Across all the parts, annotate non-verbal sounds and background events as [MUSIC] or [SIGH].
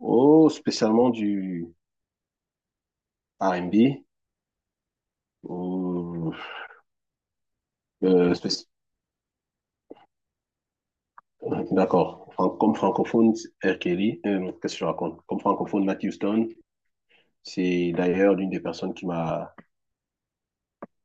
Oh, spécialement du R&B ou euh, spéc- d'accord. Comme francophone, R. Kelly. Qu'est-ce que je raconte? Comme francophone, Matt Houston. C'est d'ailleurs l'une des personnes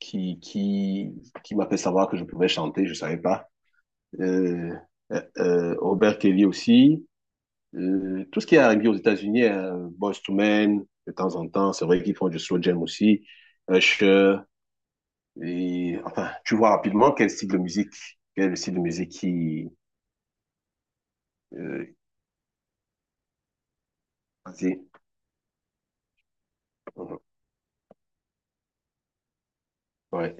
qui qui qui m'a fait savoir que je pouvais chanter. Je ne savais pas. Euh, Robert Kelly aussi. Tout ce qui est R&B aux États-Unis, Boyz II Men, de temps en temps, c'est vrai qu'ils font du slow jam aussi. Usher. Et enfin, tu vois rapidement quel style de musique, quel est le style de musique qui... Euh, c'est- Mhm. Ouais.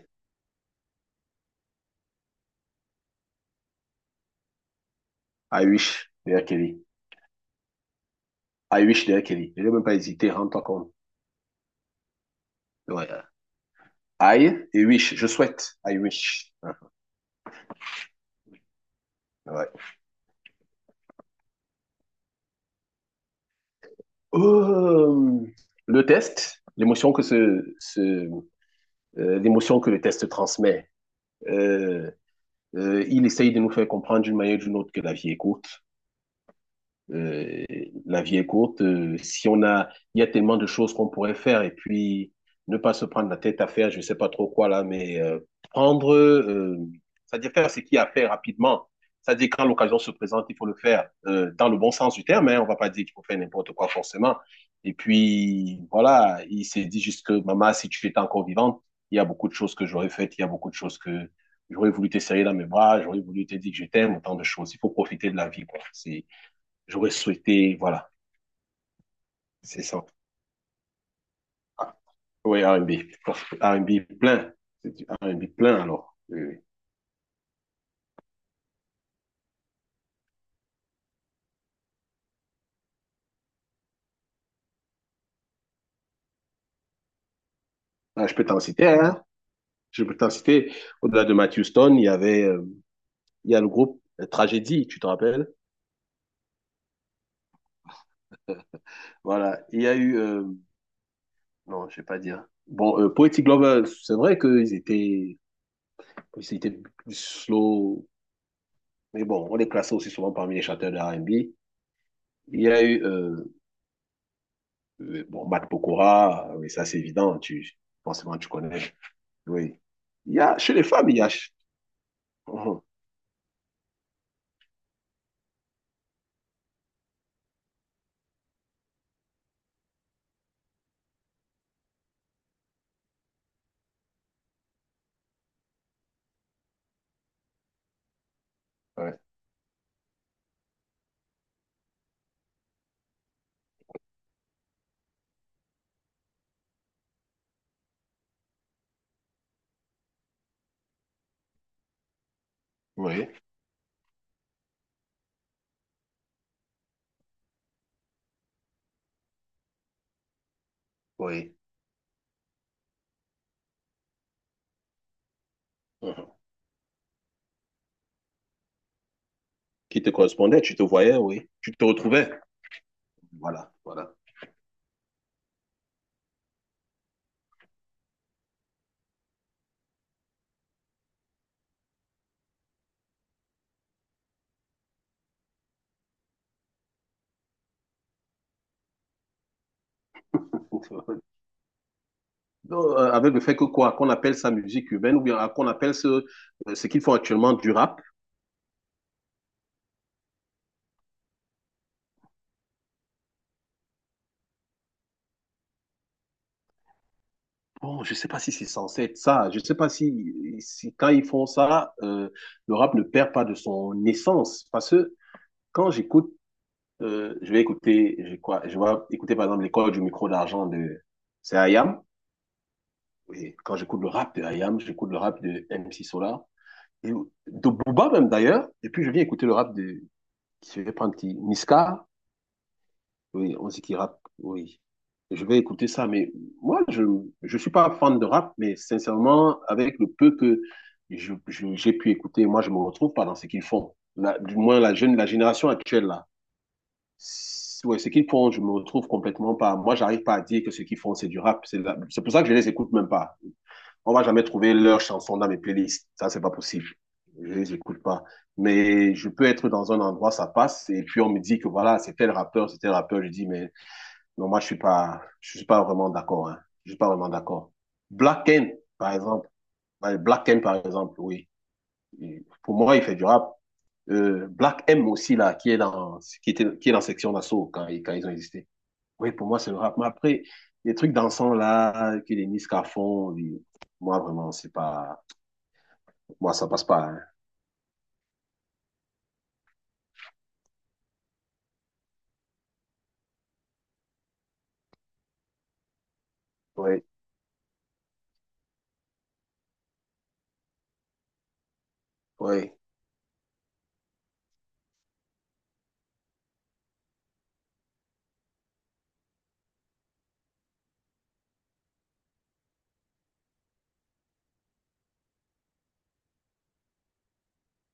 I wish derrière Kelly. I wish derrière Kelly. Je n'ai même pas hésité, rends-toi compte. Ouais. I et wish, je souhaite. I wish. Hein. Ouais. Euh, le test, l'émotion que ce, L'émotion que le test transmet. Euh, il essaye de nous faire comprendre d'une manière ou d'une autre que la vie est courte. Euh, la vie est courte. Si on a, Il y a tellement de choses qu'on pourrait faire et puis ne pas se prendre la tête à faire, je sais pas trop quoi là, mais prendre, euh, c'est-à-dire faire ce qu'il y a à faire rapidement. C'est-à-dire quand l'occasion se présente, il faut le faire dans le bon sens du terme. Hein, on va pas dire qu'il faut faire n'importe quoi forcément. Et puis voilà, il s'est dit juste que maman, si tu étais encore vivante, il y a beaucoup de choses que j'aurais faites, il y a beaucoup de choses que j'aurais voulu te serrer dans mes bras, j'aurais voulu te dire que je t'aime, autant de choses. Il faut profiter de la vie, quoi. C'est J'aurais souhaité, voilà. C'est ça. Ah, oui, R&B. R&B plein. C'est du R&B plein, alors. Ah, je peux t'en citer, hein. Je peux t'en citer. Au-delà de Matthew Stone, il y a le groupe Tragédie, tu te rappelles? Voilà. Il y a eu, non, je vais pas dire. Bon, Poetic Lovers, c'est vrai qu'ils étaient plus slow, mais bon, on les classait aussi souvent parmi les chanteurs de R&B. Il y a eu, bon, Matt Pokora, oui, ça c'est évident, forcément tu connais. Oui. Il y a, chez les femmes, il y a... Mhm. Ouais. Oui, oui. Mhm. Qui te correspondait, tu te voyais, oui. Tu te retrouvais. Voilà, voilà. [LAUGHS] Donc, avec le fait que quoi, qu'on appelle ça musique urbaine ou bien qu'on appelle ce qu'ils font actuellement du rap. Bon, je sais pas si c'est censé être ça. Je sais pas si quand ils font ça, le rap ne perd pas de son essence. Parce que quand j'écoute, je vais écouter, quoi, je vais écouter par exemple l'école du micro d'argent de, c'est Ayam. Oui, quand j'écoute le rap de IAM, j'écoute le rap de MC Solar, et de Booba même d'ailleurs, et puis je viens écouter le rap de, je vais prendre qui, Niska, oui, on dit qu'il rappe, oui. Je vais écouter ça, mais moi, je ne suis pas fan de rap, mais sincèrement, avec le peu que j'ai pu écouter, moi, je ne me retrouve pas dans ce qu'ils font. Du moins, la génération actuelle, là. Ouais, ce qu'ils font, je ne me retrouve complètement pas. Moi, j'arrive pas à dire que ce qu'ils font, c'est du rap. C'est pour ça que je ne les écoute même pas. On va jamais trouver leurs chansons dans mes playlists. Ça, c'est pas possible. Je les écoute pas. Mais je peux être dans un endroit, ça passe, et puis on me dit que voilà, c'est tel rappeur, c'est tel rappeur. Je dis, mais non, moi, je suis pas vraiment d'accord, hein. Je suis pas vraiment d'accord. Black M par exemple. Ouais, Black M, par exemple, oui. Pour moi, il fait du rap. Black M aussi, là, qui est dans section d'assaut quand ils ont existé. Oui, pour moi, c'est le rap. Mais après, les trucs dansants, là, que les Nice font, oui, moi, vraiment, c'est pas, moi, ça passe pas, hein. Oui, oui,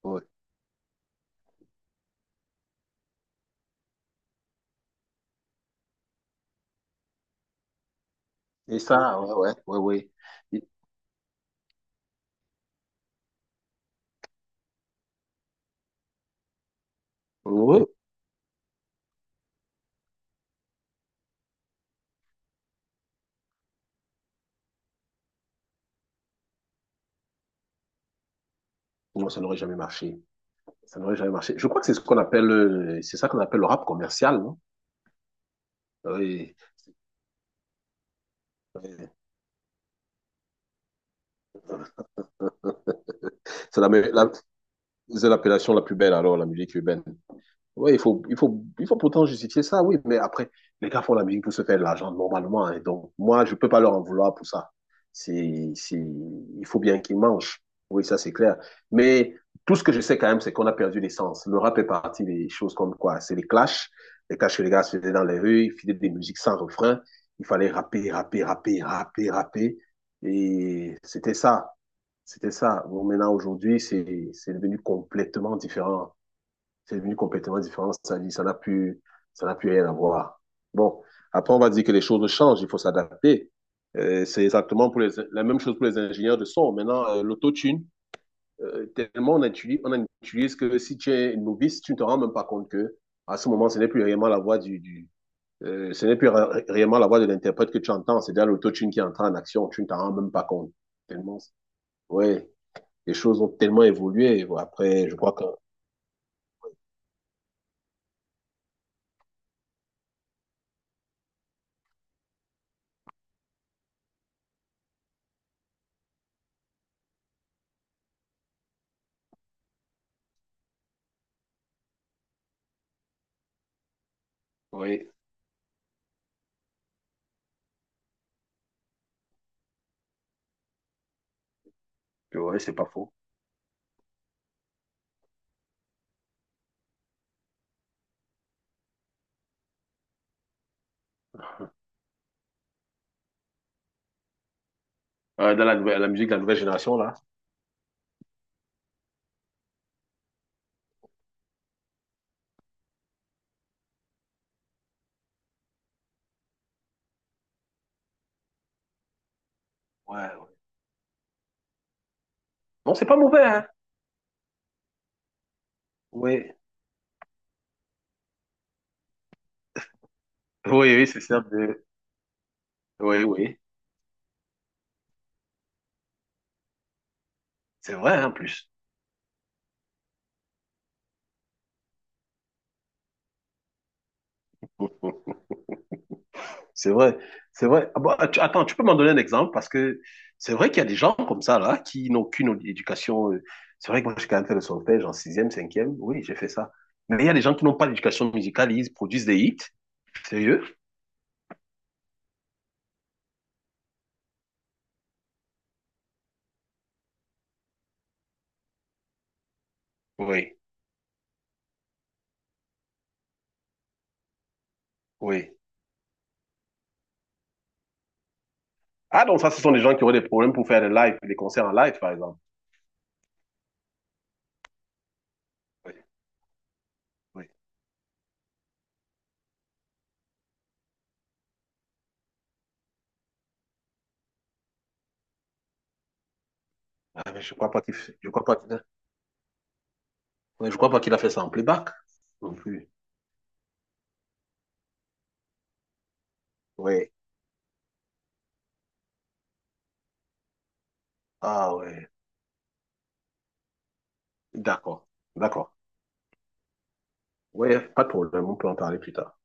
oui. Et ça, ouais, ouais, ouais, ouais. Oui, non, ça n'aurait jamais marché. Ça n'aurait jamais marché. Je crois que c'est ça qu'on appelle le rap commercial, non? Oui. Oui. C'est la, me- la- c'est l'appellation la plus belle, alors, la musique urbaine. Ouais, il faut pourtant justifier ça, oui, mais après, les gars font la musique pour se faire de l'argent normalement, hein. Donc, moi, je peux pas leur en vouloir pour ça. Il faut bien qu'ils mangent. Oui, ça, c'est clair. Mais tout ce que je sais quand même, c'est qu'on a perdu l'essence. Le rap est parti des choses comme quoi? C'est les clashs. Les clashs que les gars se faisaient dans les rues, ils faisaient des musiques sans refrain. Il fallait rapper, rapper, rapper, rapper, rapper. Et c'était ça. C'était ça. Bon, maintenant, aujourd'hui, c'est devenu complètement différent, c'est devenu complètement différent. Ça n'a plus rien à voir. Bon, après, on va dire que les choses changent, il faut s'adapter. C'est exactement la même chose pour les ingénieurs de son. Maintenant, l'autotune, tellement on utilise que si tu es novice, tu ne te rends même pas compte que à ce moment, ce n'est plus réellement la voix du ce n'est plus ré réellement la voix de l'interprète que tu entends. C'est déjà l'autotune qui entre en action. Tu ne t'en rends même pas compte. Tellement, ouais, les choses ont tellement évolué. Après, je crois que oui. Oui, ouais, c'est pas faux. La musique de la nouvelle génération, là. Ouais, ouais. Non, c'est pas mauvais, hein. Oui. Oui, oui, c'est certes de... Oui, oui. C'est vrai, en plus. C'est vrai, c'est vrai. Ah bon, attends, tu peux m'en donner un exemple parce que c'est vrai qu'il y a des gens comme ça là qui n'ont aucune éducation, c'est vrai que moi j'ai quand même fait le solfège en sixième, cinquième. Oui, j'ai fait ça. Mais il y a des gens qui n'ont pas d'éducation musicale, ils produisent des hits. Sérieux? Oui, oui. Ah donc ça, ce sont des gens qui auraient des problèmes pour faire des lives, des concerts en live par exemple. Oui, oui. Ah, mais je crois pas qu'il a fait ça en playback non plus. Oui. Ah ouais. D'accord, d'accord. Oui, pas de problème, on peut en parler plus tard.